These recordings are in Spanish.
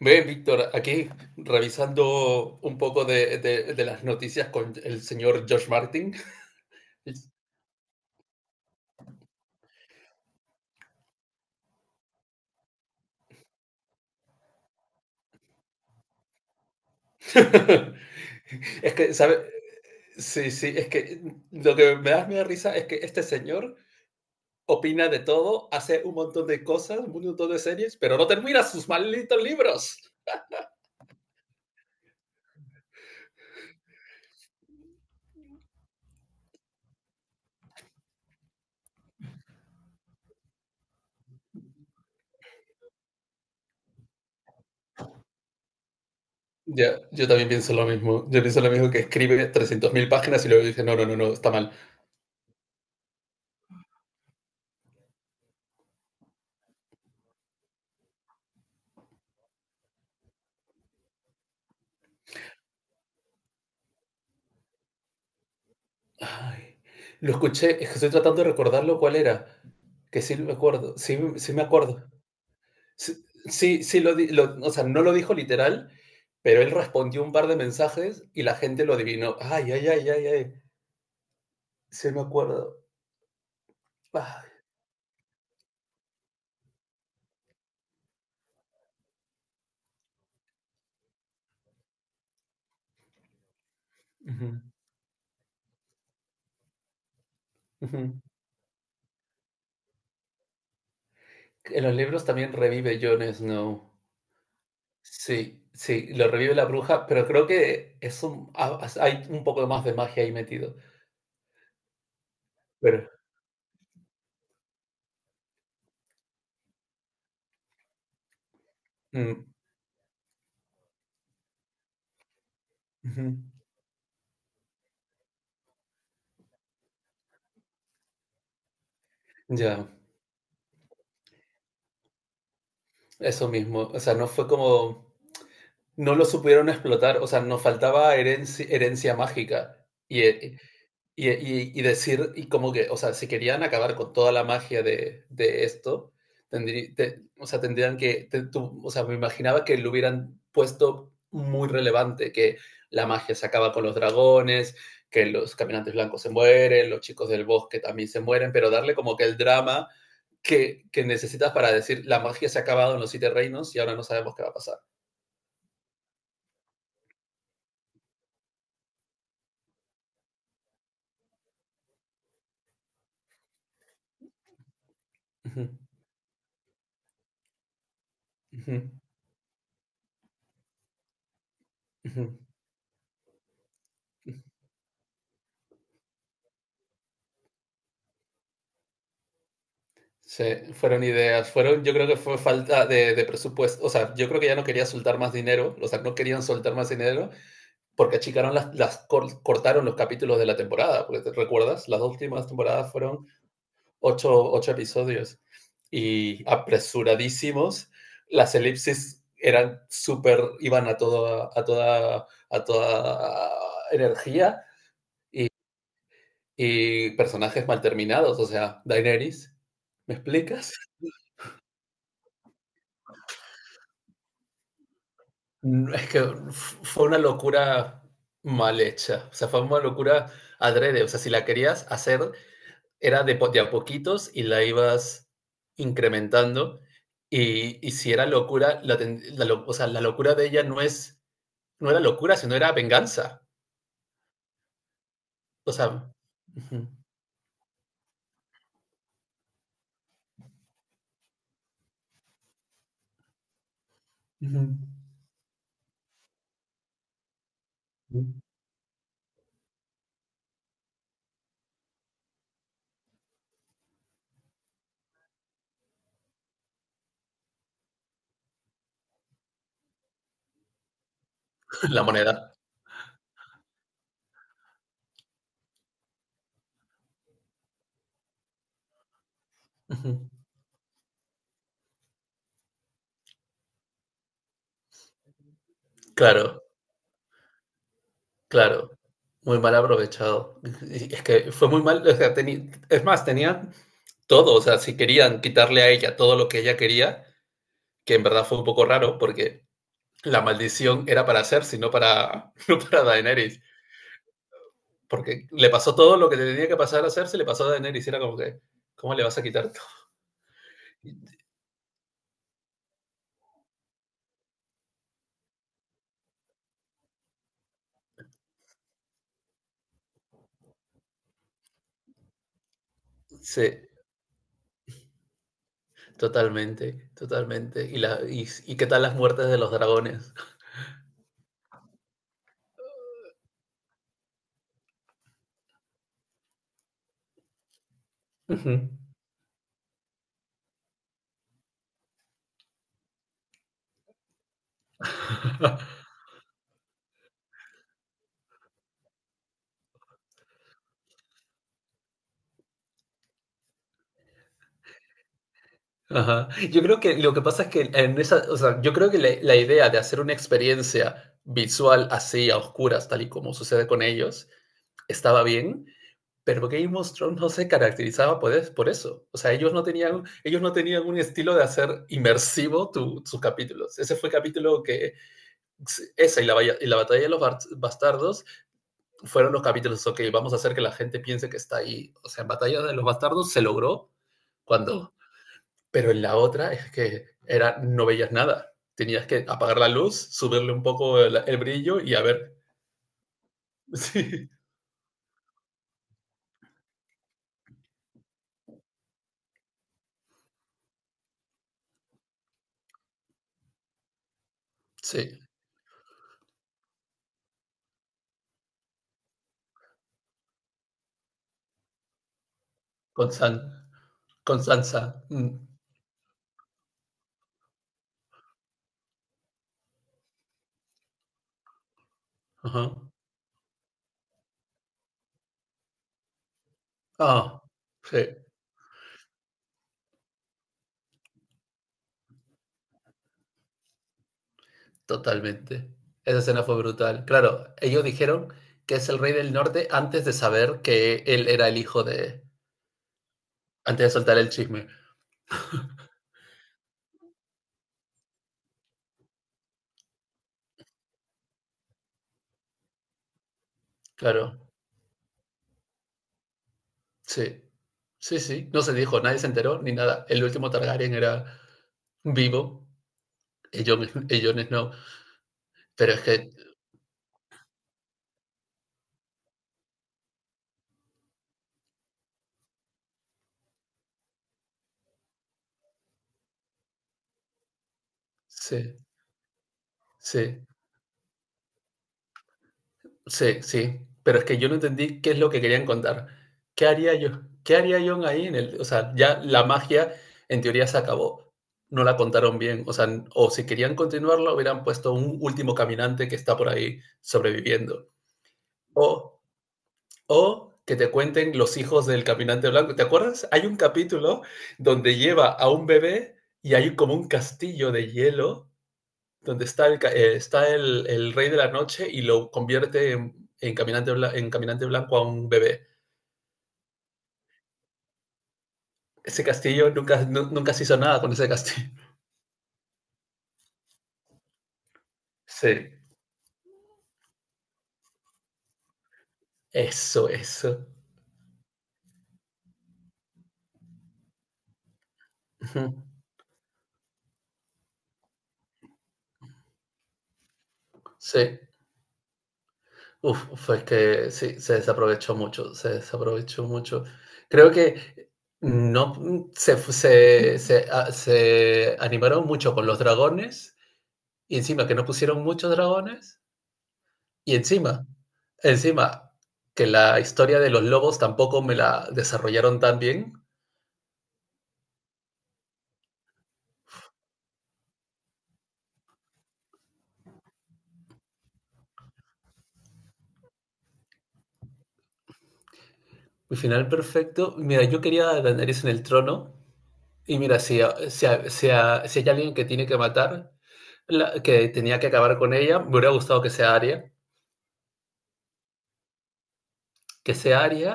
Bien, Víctor, aquí revisando un poco de las noticias con el señor George Martin. Es que, ¿sabe? Sí, sí, es que lo que me da miedo risa es que este señor opina de todo, hace un montón de cosas, un montón de series, pero no termina sus malditos libros. Ya, yo también pienso lo mismo. Yo pienso lo mismo que escribe 300.000 páginas y luego dice, no, no, no, no, está mal. Ay, lo escuché, es que estoy tratando de recordarlo cuál era, que sí me acuerdo, sí, sí me acuerdo. Sí, sí, sí o sea, no lo dijo literal, pero él respondió un par de mensajes y la gente lo adivinó. Ay, ay, ay, ay, ay, sí me acuerdo. Ay, ujú, ujú. En los libros también revive Jon Snow. Sí, sí, lo revive la bruja, pero creo que es un, hay un poco más de magia ahí metido. Pero, mm, ujú, ya. Eso mismo, o sea, no fue como, no lo supieron explotar, o sea, nos faltaba herencia, herencia mágica y decir, y como que, o sea, si querían acabar con toda la magia de esto, o sea, tendrían que, o sea, me imaginaba que lo hubieran puesto muy relevante, que la magia se acaba con los dragones, que los caminantes blancos se mueren, los chicos del bosque también se mueren, pero darle como que el drama que necesitas para decir la magia se ha acabado en los siete reinos y ahora no sabemos qué va a pasar. Ujú, ujú, ujú. Sí, fueron ideas, fueron, yo creo que fue falta de presupuesto, o sea, yo creo que ya no quería soltar más dinero, o sea, no querían soltar más dinero porque achicaron las cortaron los capítulos de la temporada, porque te recuerdas, las dos últimas temporadas fueron ocho, ocho episodios y apresuradísimos. Las elipsis eran súper, iban a toda energía y personajes mal terminados, o sea, Daenerys, ¿me explicas? Es que fue una locura mal hecha, o sea, fue una locura adrede, o sea, si la querías hacer era de a poquitos y la ibas incrementando. Y si era locura, la, ten- la lo- o sea, la locura de ella no es, no era locura, sino era venganza. O sea, ujú, ujú. La moneda. Ujú. Claro, claro. Muy mal aprovechado. Y es que fue muy mal, o sea, es más, tenían todo. O sea, si querían quitarle a ella todo lo que ella quería, que en verdad fue un poco raro, porque la maldición era para Cersei, no para, no para Daenerys. Porque le pasó todo lo que tenía que pasar a hacerse, le pasó a Daenerys y era como que, ¿cómo le vas a quitar todo? Sí, totalmente, totalmente. ¿Y qué tal las muertes de los dragones? Ajá. Yo creo que lo que pasa es que en esa, o sea, yo creo que la idea de hacer una experiencia visual así, a oscuras, tal y como sucede con ellos, estaba bien. Pero Game of Thrones no se caracterizaba por eso. O sea, ellos no tenían un estilo de hacer inmersivo sus capítulos. Ese fue el capítulo que, esa y y la batalla de los bastardos fueron los capítulos, ok, vamos a hacer que la gente piense que está ahí. O sea, en batalla de los bastardos se logró cuando. Pero en la otra es que era, no veías nada. Tenías que apagar la luz, subirle un poco el brillo y a ver. Sí, sí, con, San, con Sansa. Mm, ajá. Ah, sí, totalmente. Esa escena fue brutal. Claro, ellos dijeron que es el rey del norte antes de saber que él era el hijo de. Antes de soltar el chisme. Claro, sí. Sí, sí. No se dijo, nadie se enteró ni nada. El último Targaryen era vivo, y Jon, y Jon Snow. Pero es que, sí, sí. Sí, sí, pero es que yo no entendí qué es lo que querían contar. ¿Qué haría yo? ¿Qué haría Jon ahí en el, o sea, ya la magia en teoría se acabó? No la contaron bien, o sea, o si querían continuarla hubieran puesto un último caminante que está por ahí sobreviviendo. O o que te cuenten los hijos del caminante blanco. ¿Te acuerdas? Hay un capítulo donde lleva a un bebé y hay como un castillo de hielo donde está el rey de la noche y lo convierte en caminante, en caminante blanco a un bebé. Ese castillo nunca, nunca se hizo nada con ese castillo. Sí, eso, eso. Sí, uf, fue que sí, se desaprovechó mucho, se desaprovechó mucho. Creo que no, se animaron mucho con los dragones y encima que no pusieron muchos dragones. Y encima, encima, que la historia de los lobos tampoco me la desarrollaron tan bien. Mi final perfecto. Mira, yo quería a Daenerys en el trono. Y mira, si, si- si hay alguien que tiene que matar, que tenía que acabar con ella, me hubiera gustado que sea Arya. Que sea Arya.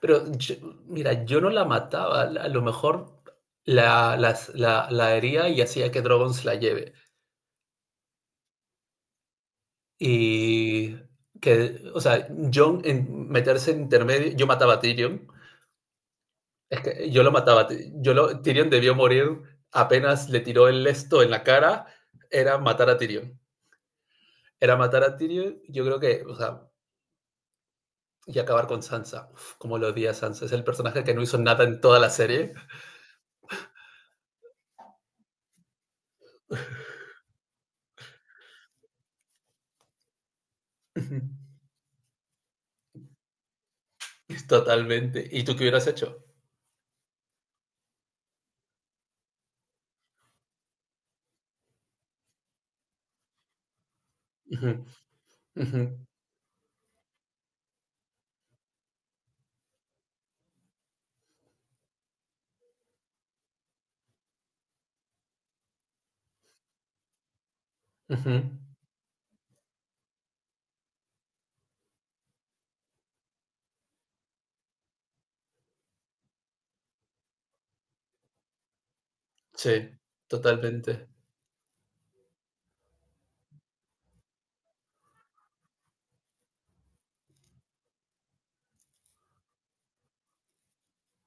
Pero mira, yo no la mataba. A lo mejor la hería y hacía que Drogon se la lleve. Y que, o sea, Jon en meterse en intermedio, yo mataba a Tyrion. Es que yo lo mataba. Tyrion debió morir apenas le tiró el esto en la cara. Era matar a Tyrion. Era matar a Tyrion. Yo creo que, o sea, y acabar con Sansa. Uf, como lo odia Sansa. Es el personaje que no hizo nada en toda la serie. Totalmente. ¿Y tú qué hubieras hecho? Uh-huh, uh-huh, uh-huh. Sí, totalmente.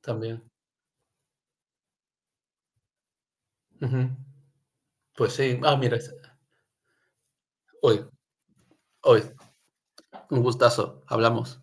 También. Uh-huh. Pues sí. Ah, mira. Hoy, hoy. Un gustazo. Hablamos.